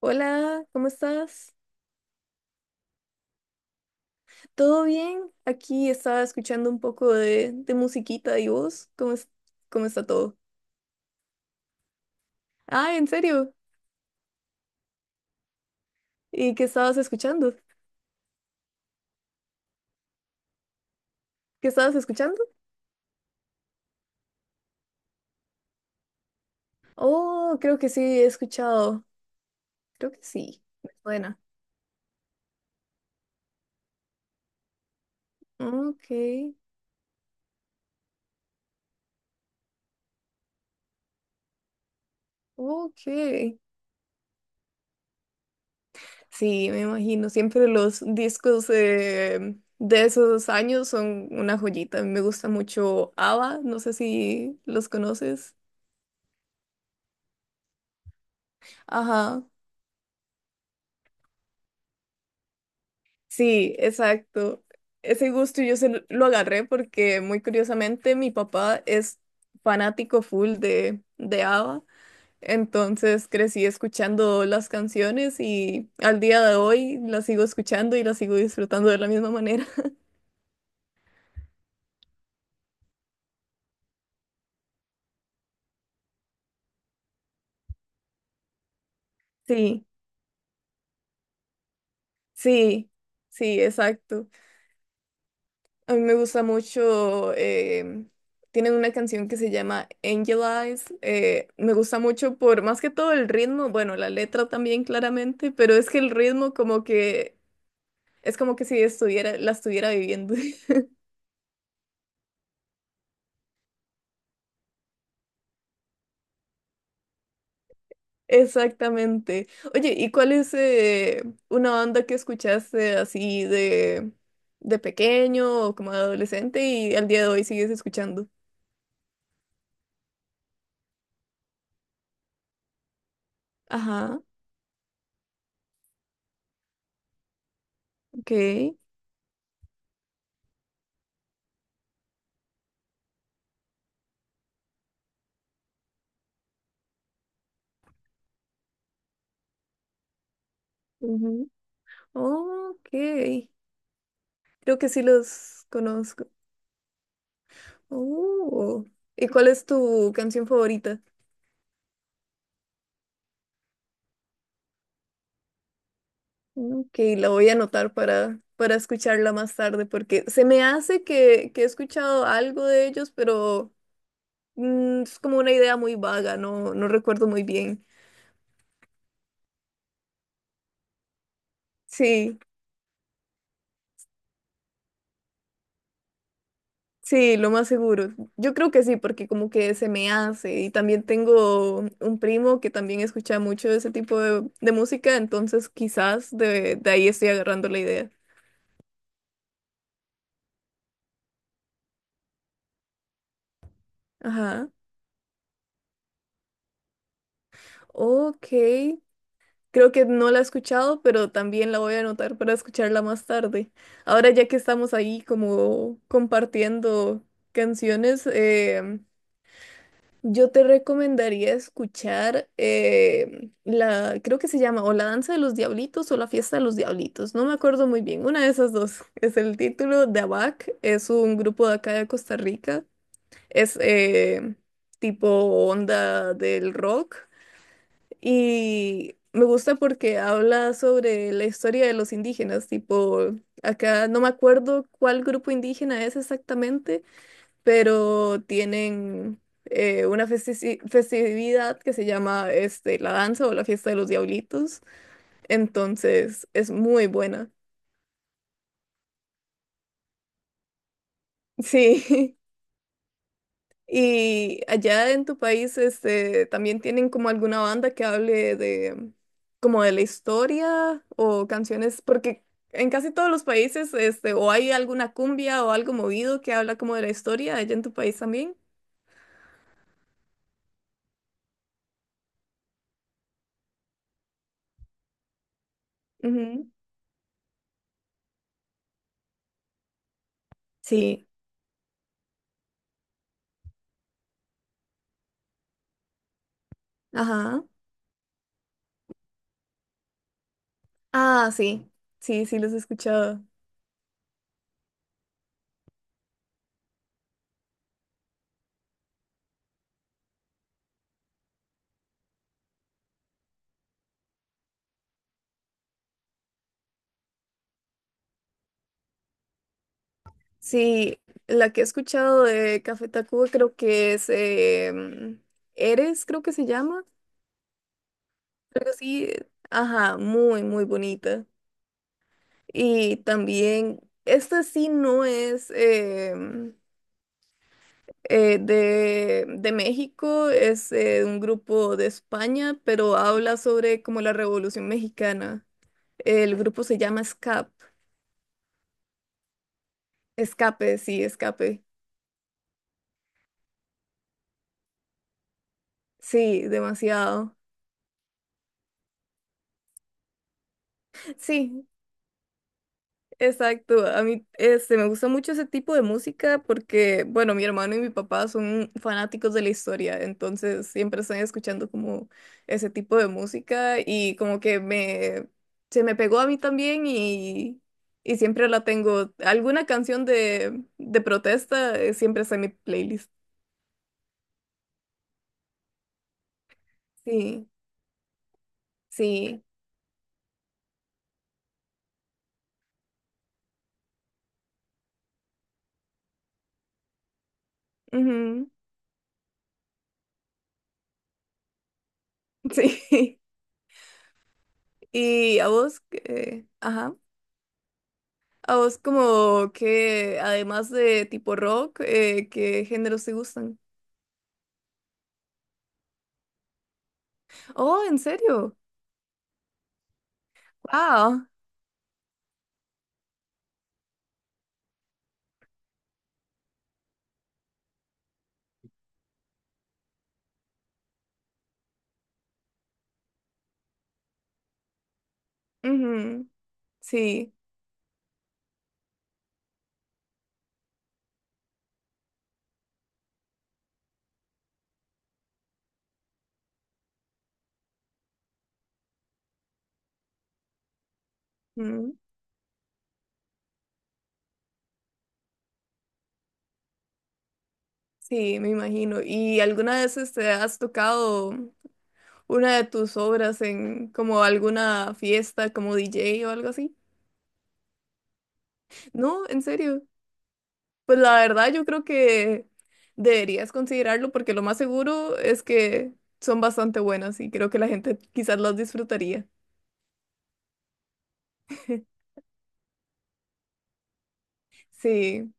Hola, ¿cómo estás? ¿Todo bien? Aquí estaba escuchando un poco de musiquita y vos, ¿cómo está todo? Ah, ¿en serio? ¿Y qué estabas escuchando? ¿Qué estabas escuchando? Oh, creo que sí, he escuchado. Creo que sí. Me suena. Ok, ok. Sí, me imagino. Siempre los discos de esos años son una joyita. Me gusta mucho ABBA, no sé si los conoces. Ajá. Sí, exacto. Ese gusto yo se lo agarré porque muy curiosamente mi papá es fanático full de ABBA, entonces crecí escuchando las canciones y al día de hoy las sigo escuchando y las sigo disfrutando de la misma manera. Sí, sí, sí, exacto. A mí me gusta mucho, tienen una canción que se llama Angel Eyes, me gusta mucho por más que todo el ritmo, bueno, la letra también claramente, pero es que el ritmo como que es como que si la estuviera viviendo. Exactamente. Oye, ¿y cuál es una banda que escuchaste así de pequeño o como adolescente y al día de hoy sigues escuchando? Ajá, ok. Ujú. Ok. Creo que sí los conozco. Oh. ¿Y cuál es tu canción favorita? Que la voy a anotar para escucharla más tarde, porque se me hace que he escuchado algo de ellos, pero es como una idea muy vaga, no, no recuerdo muy bien. Sí, sí, lo más seguro. Yo creo que sí, porque como que se me hace. Y también tengo un primo que también escucha mucho ese tipo de música, entonces quizás de ahí estoy agarrando la idea. Ajá. Ok, creo que no la he escuchado, pero también la voy a anotar para escucharla más tarde. Ahora ya que estamos ahí como compartiendo canciones, yo te recomendaría escuchar creo que se llama o La Danza de los Diablitos o La Fiesta de los Diablitos, no me acuerdo muy bien, una de esas dos es el título de ABAC, es un grupo de acá de Costa Rica, es tipo onda del rock. Y me gusta porque habla sobre la historia de los indígenas, tipo, acá no me acuerdo cuál grupo indígena es exactamente, pero tienen una festividad que se llama la danza o la fiesta de los diablitos, entonces es muy buena. Sí. Y allá en tu país, también tienen como alguna banda que hable de como de la historia o canciones, porque en casi todos los países, o hay alguna cumbia o algo movido que habla como de la historia, allá en tu país también. Ujú. Sí, ajá. Ah, sí, sí, sí, los he escuchado. Sí, la que he escuchado de Café Tacuba creo que es em, Eres, creo que se llama. Pero sí, ajá, muy, muy bonita. Y también, este sí no es de México, es un grupo de España, pero habla sobre como la Revolución Mexicana. El grupo se llama SCAP. Escape. Sí, demasiado. Sí, exacto, a mí me gusta mucho ese tipo de música porque, bueno, mi hermano y mi papá son fanáticos de la historia, entonces siempre están escuchando como ese tipo de música y como que se me pegó a mí también y siempre la tengo. Alguna canción de protesta siempre está en mi playlist. Sí, sí, ujú, sí. ¿Y a vos? ¿Qué? Ajá. A vos como que, además de tipo rock, ¿qué géneros te gustan? Oh, ¿en serio? Wow. Ujú, sí, ujú, sí, me imagino. ¿Y alguna vez has tocado una de tus obras en como alguna fiesta como DJ o algo así? No, en serio. Pues la verdad yo creo que deberías considerarlo porque lo más seguro es que son bastante buenas y creo que la gente quizás las disfrutaría. Sí.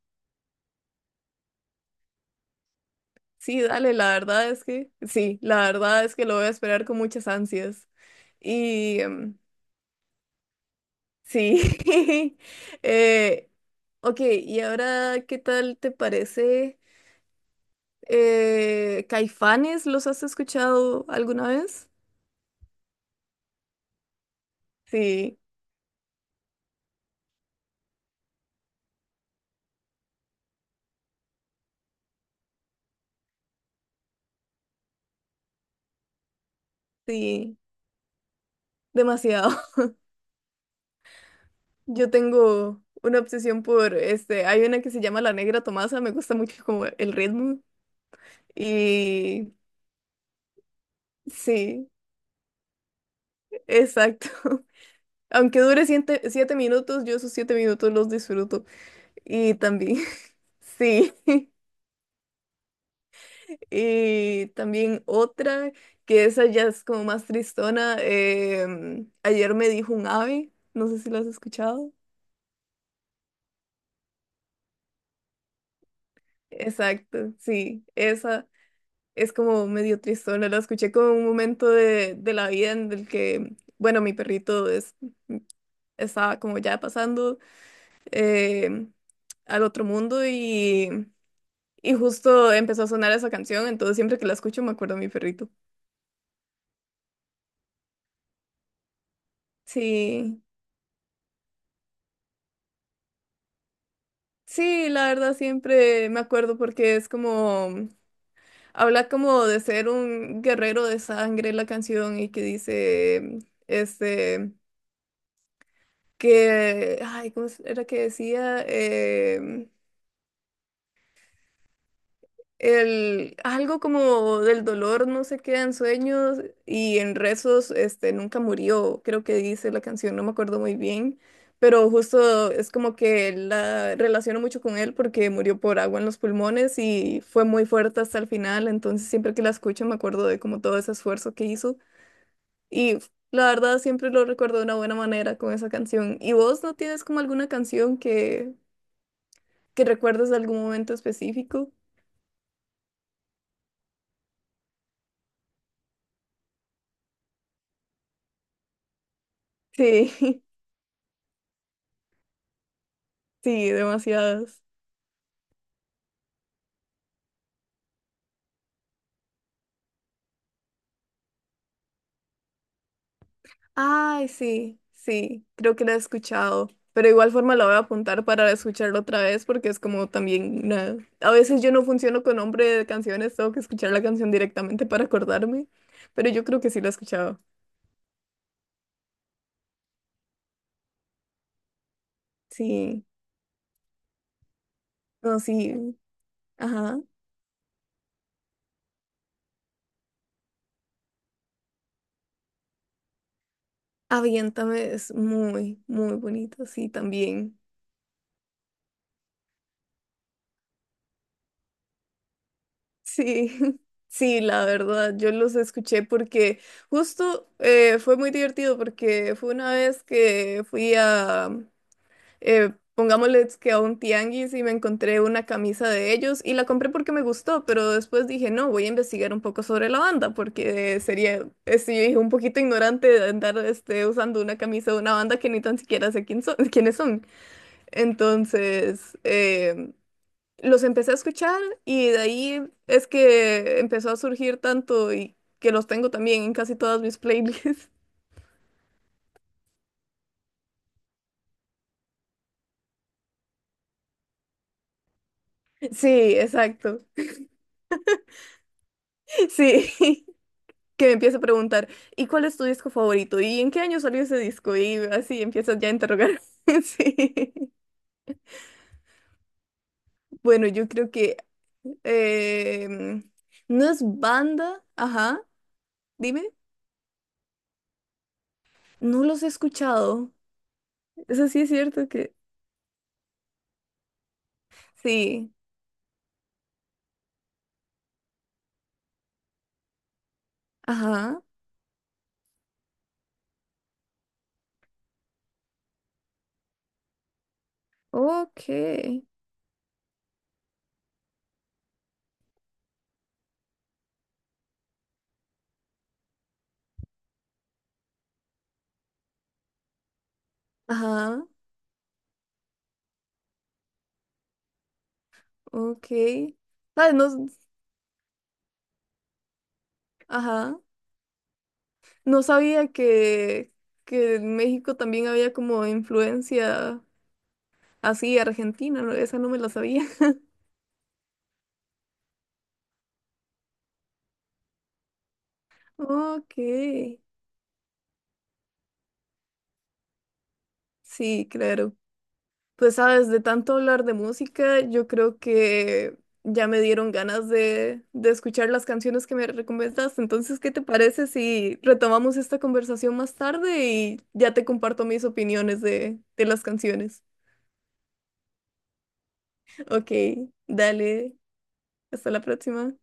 Sí, dale, la verdad es que, sí, la verdad es que lo voy a esperar con muchas ansias. Y sí, eh, ok, y ahora, ¿qué tal te parece? ¿Caifanes los has escuchado alguna vez? Sí, sí, demasiado. Yo tengo una obsesión hay una que se llama La Negra Tomasa, me gusta mucho como el ritmo. Y sí, exacto. Aunque dure siete, siete minutos, yo esos siete minutos los disfruto. Y también, sí. Y también otra, que esa ya es como más tristona. Ayer me dijo un ave, no sé si lo has escuchado. Exacto, sí. Esa es como medio tristona. La escuché como un momento de la vida en el que, bueno, mi perrito estaba como ya pasando em, al otro mundo y justo empezó a sonar esa canción, entonces siempre que la escucho me acuerdo de mi perrito. Sí, sí, la verdad siempre me acuerdo porque es como, habla como de ser un guerrero de sangre la canción y que dice, este, que, ay, ¿cómo era que decía? Algo como del dolor no se queda en sueños y en rezos, nunca murió, creo que dice la canción, no me acuerdo muy bien, pero justo es como que la relaciono mucho con él porque murió por agua en los pulmones y fue muy fuerte hasta el final, entonces siempre que la escucho me acuerdo de como todo ese esfuerzo que hizo y la verdad siempre lo recuerdo de una buena manera con esa canción. ¿Y vos no tienes como alguna canción que recuerdes de algún momento específico? Sí, sí, demasiadas. Ay, sí, sí, creo que la he escuchado. Pero igual forma la voy a apuntar para escucharlo otra vez porque es como también una. A veces yo no funciono con nombre de canciones, tengo que escuchar la canción directamente para acordarme. Pero yo creo que sí la he escuchado. Sí, no, sí. Ajá. Aviéntame es muy, muy bonito, sí, también. Sí, sí, la verdad, yo los escuché porque justo fue muy divertido porque fue una vez que fui a, pongámosle que a un tianguis y me encontré una camisa de ellos y la compré porque me gustó, pero después dije, no, voy a investigar un poco sobre la banda porque sería, sí un poquito ignorante de andar usando una camisa de una banda que ni tan siquiera sé quién son, quiénes son. Entonces, los empecé a escuchar y de ahí es que empezó a surgir tanto y que los tengo también en casi todas mis playlists. Sí, exacto. Sí. Que me empieza a preguntar, ¿y cuál es tu disco favorito? ¿Y en qué año salió ese disco? Y así empiezas ya a interrogar. Sí. Bueno, yo creo que em, no es banda, ajá, dime, no los he escuchado. Eso sí es cierto que sí, ajá, ok, ajá, ok. Ah, no, ajá, no sabía que en México también había como influencia así argentina, no, esa no me la sabía. Ok, sí, claro. Pues sabes, de tanto hablar de música, yo creo que ya me dieron ganas de escuchar las canciones que me recomendaste. Entonces, ¿qué te parece si retomamos esta conversación más tarde y ya te comparto mis opiniones de las canciones? Ok, dale, hasta la próxima.